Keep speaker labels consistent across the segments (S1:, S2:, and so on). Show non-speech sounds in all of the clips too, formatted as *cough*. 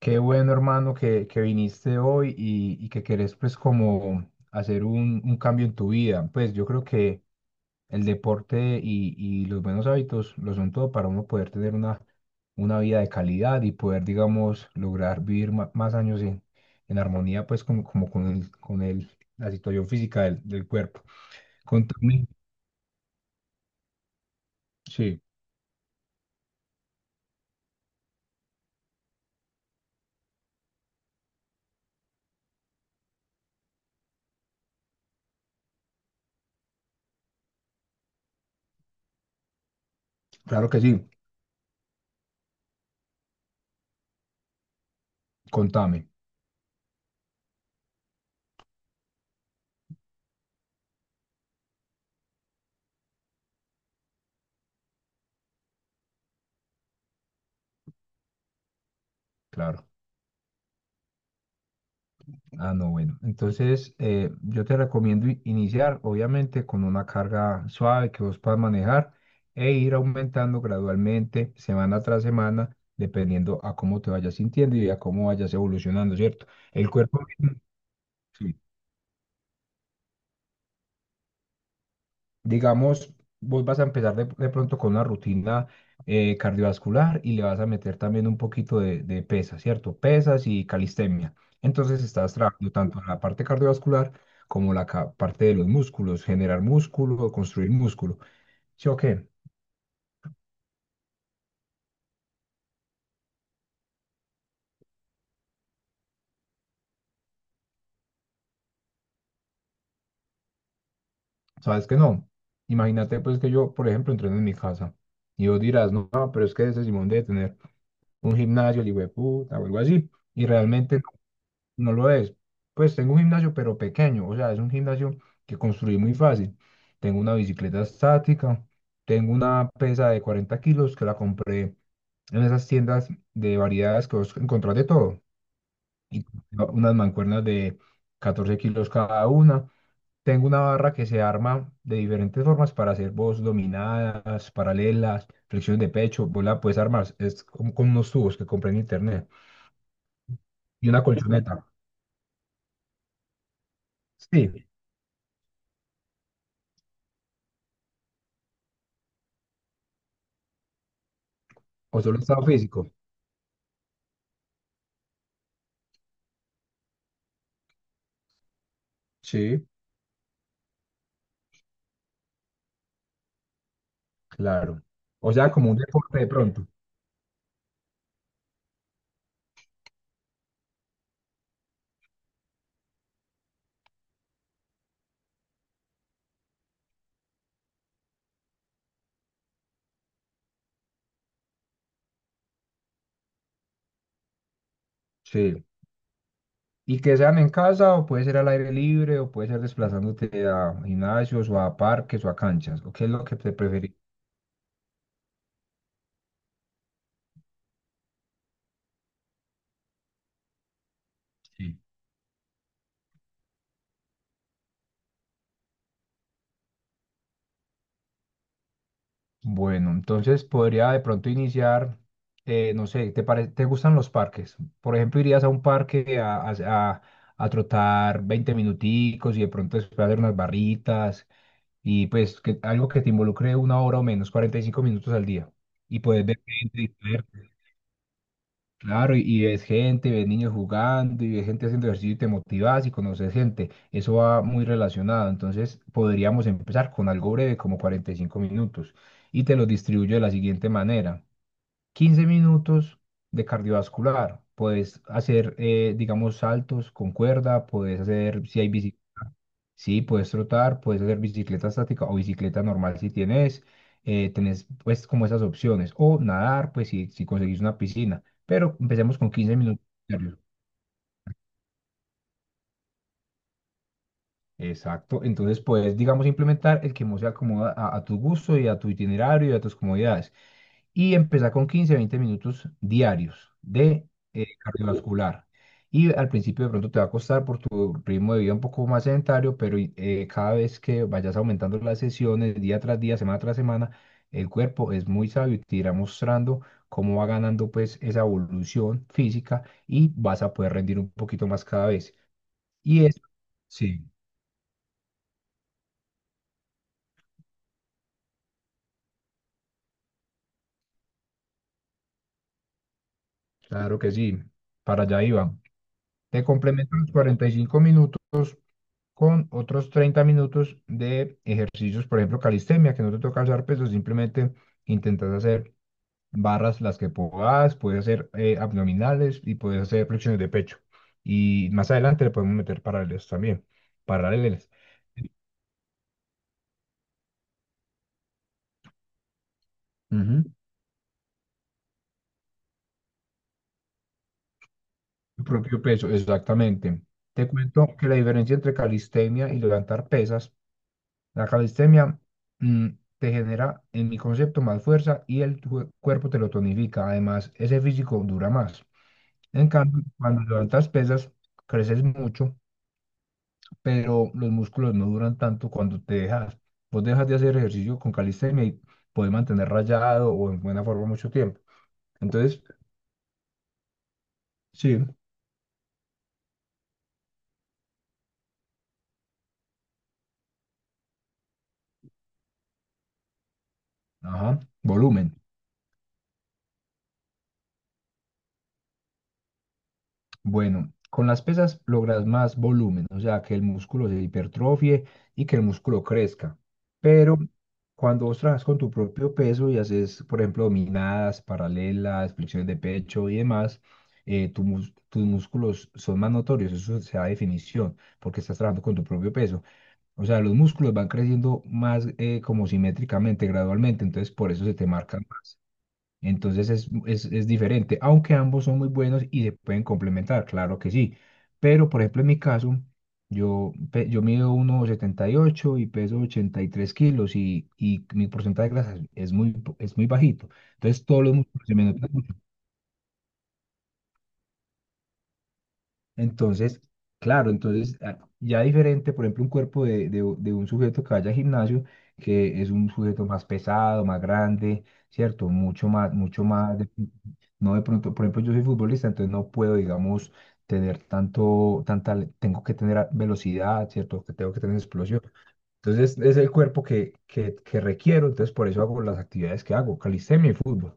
S1: Qué bueno, hermano, que viniste hoy y que querés pues como hacer un cambio en tu vida. Pues yo creo que el deporte y los buenos hábitos lo son todo para uno poder tener una vida de calidad y poder, digamos, lograr vivir más años en armonía pues como con con la situación física del cuerpo. Contame. Sí, claro que sí, contame, claro. Ah, no, bueno. Entonces, yo te recomiendo iniciar, obviamente, con una carga suave que vos puedas manejar e ir aumentando gradualmente, semana tras semana, dependiendo a cómo te vayas sintiendo y a cómo vayas evolucionando, ¿cierto? El cuerpo, sí, digamos, vos vas a empezar de pronto con una rutina cardiovascular y le vas a meter también un poquito de pesas, ¿cierto? Pesas y calistenia. Entonces estás trabajando tanto en la parte cardiovascular como la parte de los músculos, generar músculo, construir músculo. ¿Sí o qué? ¿Sabes que no? Imagínate pues que yo, por ejemplo, entreno en mi casa y vos dirás, no, no, pero es que ese Simón debe tener un gimnasio, el hijo de puta o algo así. Y realmente no lo es. Pues tengo un gimnasio, pero pequeño, o sea, es un gimnasio que construí muy fácil. Tengo una bicicleta estática, tengo una pesa de 40 kilos que la compré en esas tiendas de variedades que vos encontrás de todo. Y unas mancuernas de 14 kilos cada una. Tengo una barra que se arma de diferentes formas para hacer vos dominadas, paralelas, flexiones de pecho. Vos la puedes armar, es como con unos tubos que compré en internet. Y una colchoneta. Sí, o solo estado físico. Sí, claro. O sea, como un deporte de pronto. Sí. Y que sean en casa o puede ser al aire libre o puede ser desplazándote a gimnasios o a parques o a canchas. ¿O qué es lo que te preferís? Sí. Bueno, entonces podría de pronto iniciar, no sé, te gustan los parques? Por ejemplo, irías a un parque a trotar 20 minuticos y de pronto después hacer unas barritas y pues que, algo que te involucre una hora o menos, 45 minutos al día. Y puedes ver gente, claro, y ves gente, ves niños jugando y ves gente haciendo ejercicio y te motivas y conoces gente. Eso va muy relacionado. Entonces podríamos empezar con algo breve como 45 minutos y te lo distribuyo de la siguiente manera. 15 minutos de cardiovascular. Puedes hacer, digamos, saltos con cuerda, puedes hacer, si hay bicicleta, sí, puedes trotar, puedes hacer bicicleta estática o bicicleta normal si tenés pues como esas opciones. O nadar, pues si conseguís una piscina. Pero empecemos con 15 minutos diarios. Exacto. Entonces puedes, digamos, implementar el que más se acomoda a tu gusto y a tu itinerario y a tus comodidades. Y empezar con 15, 20 minutos diarios de cardiovascular. Y al principio de pronto te va a costar por tu ritmo de vida un poco más sedentario, pero cada vez que vayas aumentando las sesiones día tras día, semana tras semana, el cuerpo es muy sabio y te irá mostrando cómo va ganando pues esa evolución física y vas a poder rendir un poquito más cada vez. Y eso, sí, claro que sí, para allá iba. Te complemento los 45 minutos con otros 30 minutos de ejercicios, por ejemplo, calistenia, que no te toca alzar pesos, simplemente intentas hacer barras las que puedas, puedes hacer abdominales y puedes hacer flexiones de pecho. Y más adelante le podemos meter paralelas también, paralelas. Ujú. Tu propio peso, exactamente. Te cuento que la diferencia entre calistenia y levantar pesas, la calistenia mm, te genera, en mi concepto, más fuerza y el cuerpo te lo tonifica. Además, ese físico dura más. En cambio, cuando levantas pesas, creces mucho, pero los músculos no duran tanto cuando te dejas. Vos dejas de hacer ejercicio con calistenia y puedes mantener rayado o en buena forma mucho tiempo. Entonces, sí, ajá, volumen. Bueno, con las pesas logras más volumen, o sea, que el músculo se hipertrofie y que el músculo crezca. Pero cuando vos trabajas con tu propio peso y haces, por ejemplo, dominadas, paralelas, flexiones de pecho y demás, tus músculos son más notorios, eso se da definición, porque estás trabajando con tu propio peso. O sea, los músculos van creciendo más como simétricamente, gradualmente, entonces por eso se te marcan más. Entonces es diferente, aunque ambos son muy buenos y se pueden complementar, claro que sí. Pero, por ejemplo, en mi caso, yo mido 1,78 y peso 83 kilos y mi porcentaje de grasa es muy bajito. Entonces todos los músculos se me notan. Entonces, claro, entonces ya diferente, por ejemplo, un cuerpo de un sujeto que vaya al gimnasio, que es un sujeto más pesado, más grande, ¿cierto? Mucho más, no de pronto, por ejemplo, yo soy futbolista, entonces no puedo, digamos, tener tanto, tanta, tengo que tener velocidad, ¿cierto? Que tengo que tener explosión. Entonces, es el cuerpo que requiero, entonces por eso hago las actividades que hago, calistenia y fútbol.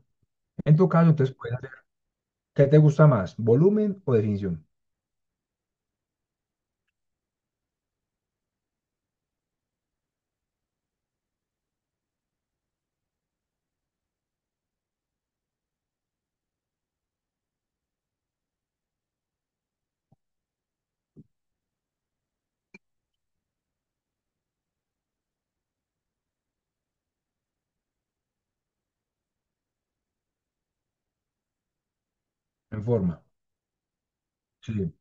S1: En tu caso, entonces, ¿qué te gusta más, volumen o definición? En forma. Sí. Ujú.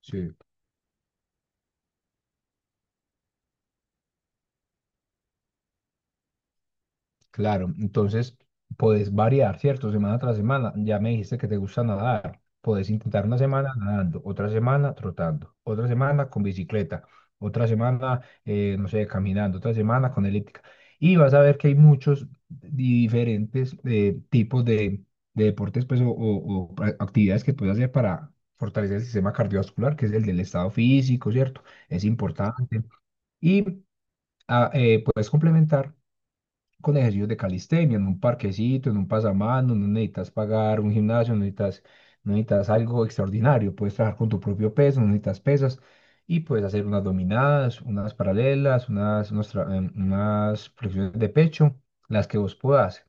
S1: Sí, claro. Entonces, podés variar, ¿cierto? Semana tras semana. Ya me dijiste que te gusta nadar. Podés intentar una semana nadando, otra semana trotando, otra semana con bicicleta, otra semana, no sé, caminando, otra semana con elíptica. Y vas a ver que hay muchos diferentes tipos de deportes pues, o actividades que puedes hacer para fortalecer el sistema cardiovascular, que es el del estado físico, ¿cierto? Es importante. Y puedes complementar con ejercicios de calistenia, en un parquecito, en un pasamano, no necesitas pagar un gimnasio, no necesitas, algo extraordinario, puedes trabajar con tu propio peso, no necesitas pesas y puedes hacer unas dominadas, unas paralelas, unas, unos tra- em, unas flexiones de pecho, las que vos puedas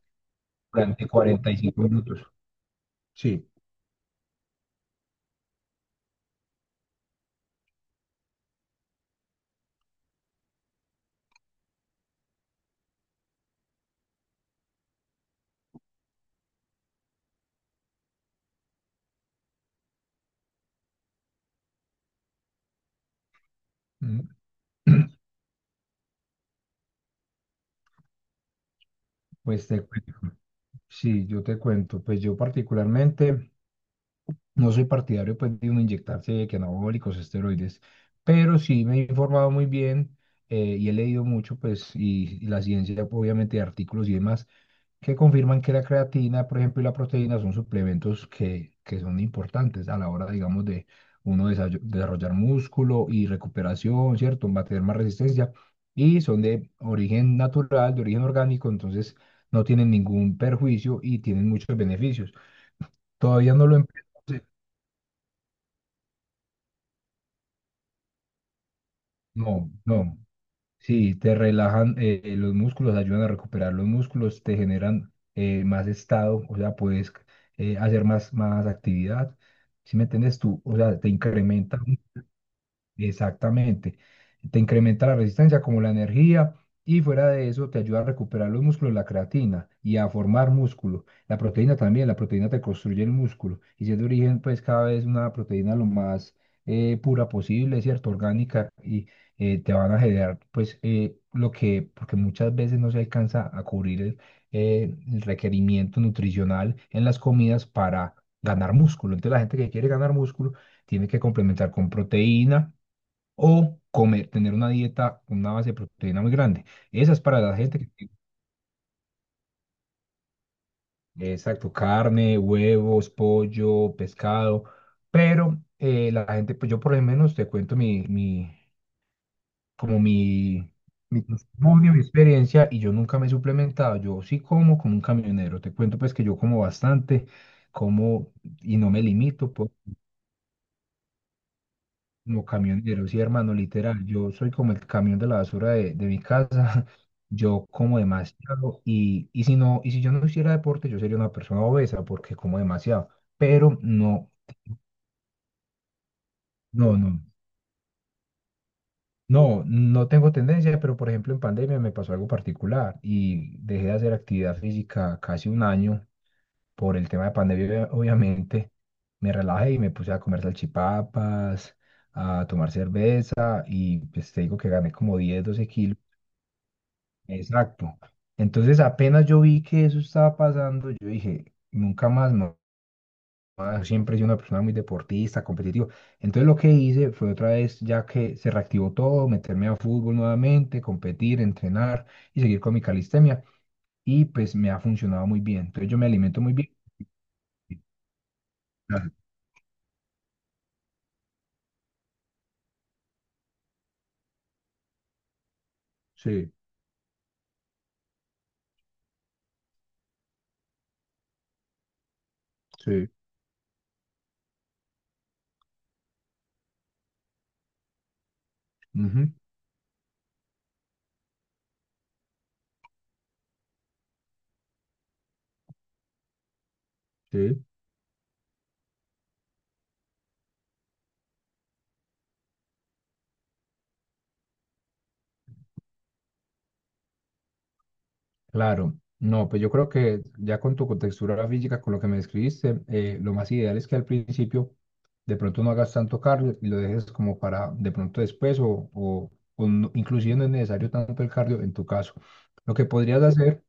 S1: durante 45 minutos. Sí. Mm. *clears throat* Pues te cuento. Sí, yo te cuento. Pues yo particularmente no soy partidario pues, de uno inyectarse que anabólicos, esteroides, pero sí me he informado muy bien y he leído mucho, pues, y la ciencia, obviamente, de artículos y demás que confirman que la creatina, por ejemplo, y la proteína son suplementos que son importantes a la hora, digamos, de uno desarrollar músculo y recuperación, ¿cierto? Va a tener más resistencia y son de origen natural, de origen orgánico, entonces no tienen ningún perjuicio y tienen muchos beneficios. Todavía no lo empezamos, no, no. Sí, te relajan los músculos, ayudan a recuperar los músculos, te generan más estado, o sea, puedes hacer más actividad. Si me entiendes tú, o sea, te incrementa. Exactamente. Te incrementa la resistencia como la energía y fuera de eso te ayuda a recuperar los músculos, la creatina y a formar músculo. La proteína también, la proteína te construye el músculo y si es de origen pues cada vez una proteína lo más pura posible, ¿cierto? Orgánica y te van a generar pues lo que, porque muchas veces no se alcanza a cubrir el requerimiento nutricional en las comidas para ganar músculo. Entonces la gente que quiere ganar músculo tiene que complementar con proteína o comer, tener una dieta con una base de proteína muy grande. Esa es para la gente que tiene, exacto, carne, huevos, pollo, pescado, pero la gente, pues yo por lo menos te cuento como mi testimonio, mi experiencia, y yo nunca me he suplementado, yo sí como como un camionero, te cuento pues que yo como bastante, como y no me limito. Como camionero, sí, hermano, literal. Yo soy como el camión de la basura de mi casa. *laughs* Yo como demasiado y si no, y si yo no hiciera deporte, yo sería una persona obesa porque como demasiado. Pero no, no, no. No, no tengo tendencia, pero por ejemplo en pandemia me pasó algo particular y dejé de hacer actividad física casi un año por el tema de pandemia, obviamente. Me relajé y me puse a comer salchipapas, a tomar cerveza y pues te digo que gané como 10, 12 kilos. Exacto. Entonces apenas yo vi que eso estaba pasando, yo dije, nunca más. Siempre he sido una persona muy deportista, competitiva. Entonces lo que hice fue otra vez, ya que se reactivó todo, meterme a fútbol nuevamente, competir, entrenar y seguir con mi calistenia. Y pues me ha funcionado muy bien. Entonces yo me alimento muy bien. Ah, sí, sí, ujú, sí. Claro, no, pues yo creo que ya con tu contextura física, con lo que me describiste, lo más ideal es que al principio de pronto no hagas tanto cardio y lo dejes como para de pronto después o inclusive no es necesario tanto el cardio en tu caso. Lo que podrías hacer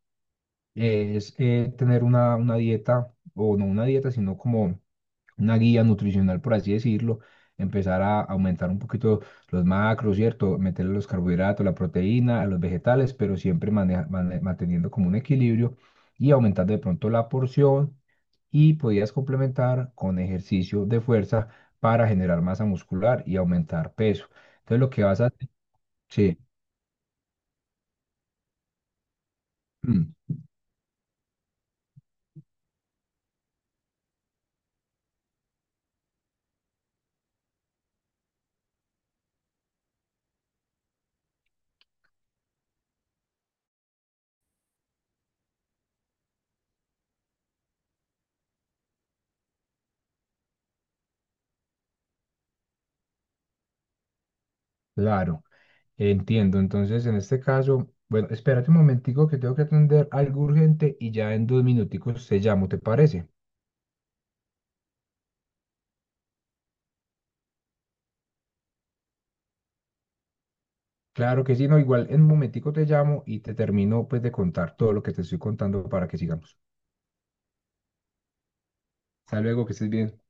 S1: es tener una, dieta, o no una dieta, sino como una guía nutricional, por así decirlo, empezar a aumentar un poquito los macros, ¿cierto? Meterle los carbohidratos, la proteína, a los vegetales, pero siempre manteniendo como un equilibrio y aumentando de pronto la porción y podías complementar con ejercicio de fuerza para generar masa muscular y aumentar peso. Entonces lo que vas a hacer, sí, mm, claro, entiendo. Entonces en este caso, bueno, espérate un momentico que tengo que atender algo urgente y ya en 2 minuticos te llamo, ¿te parece? Claro que sí, no, igual en un momentico te llamo y te termino pues de contar todo lo que te estoy contando para que sigamos. Hasta luego, que estés bien.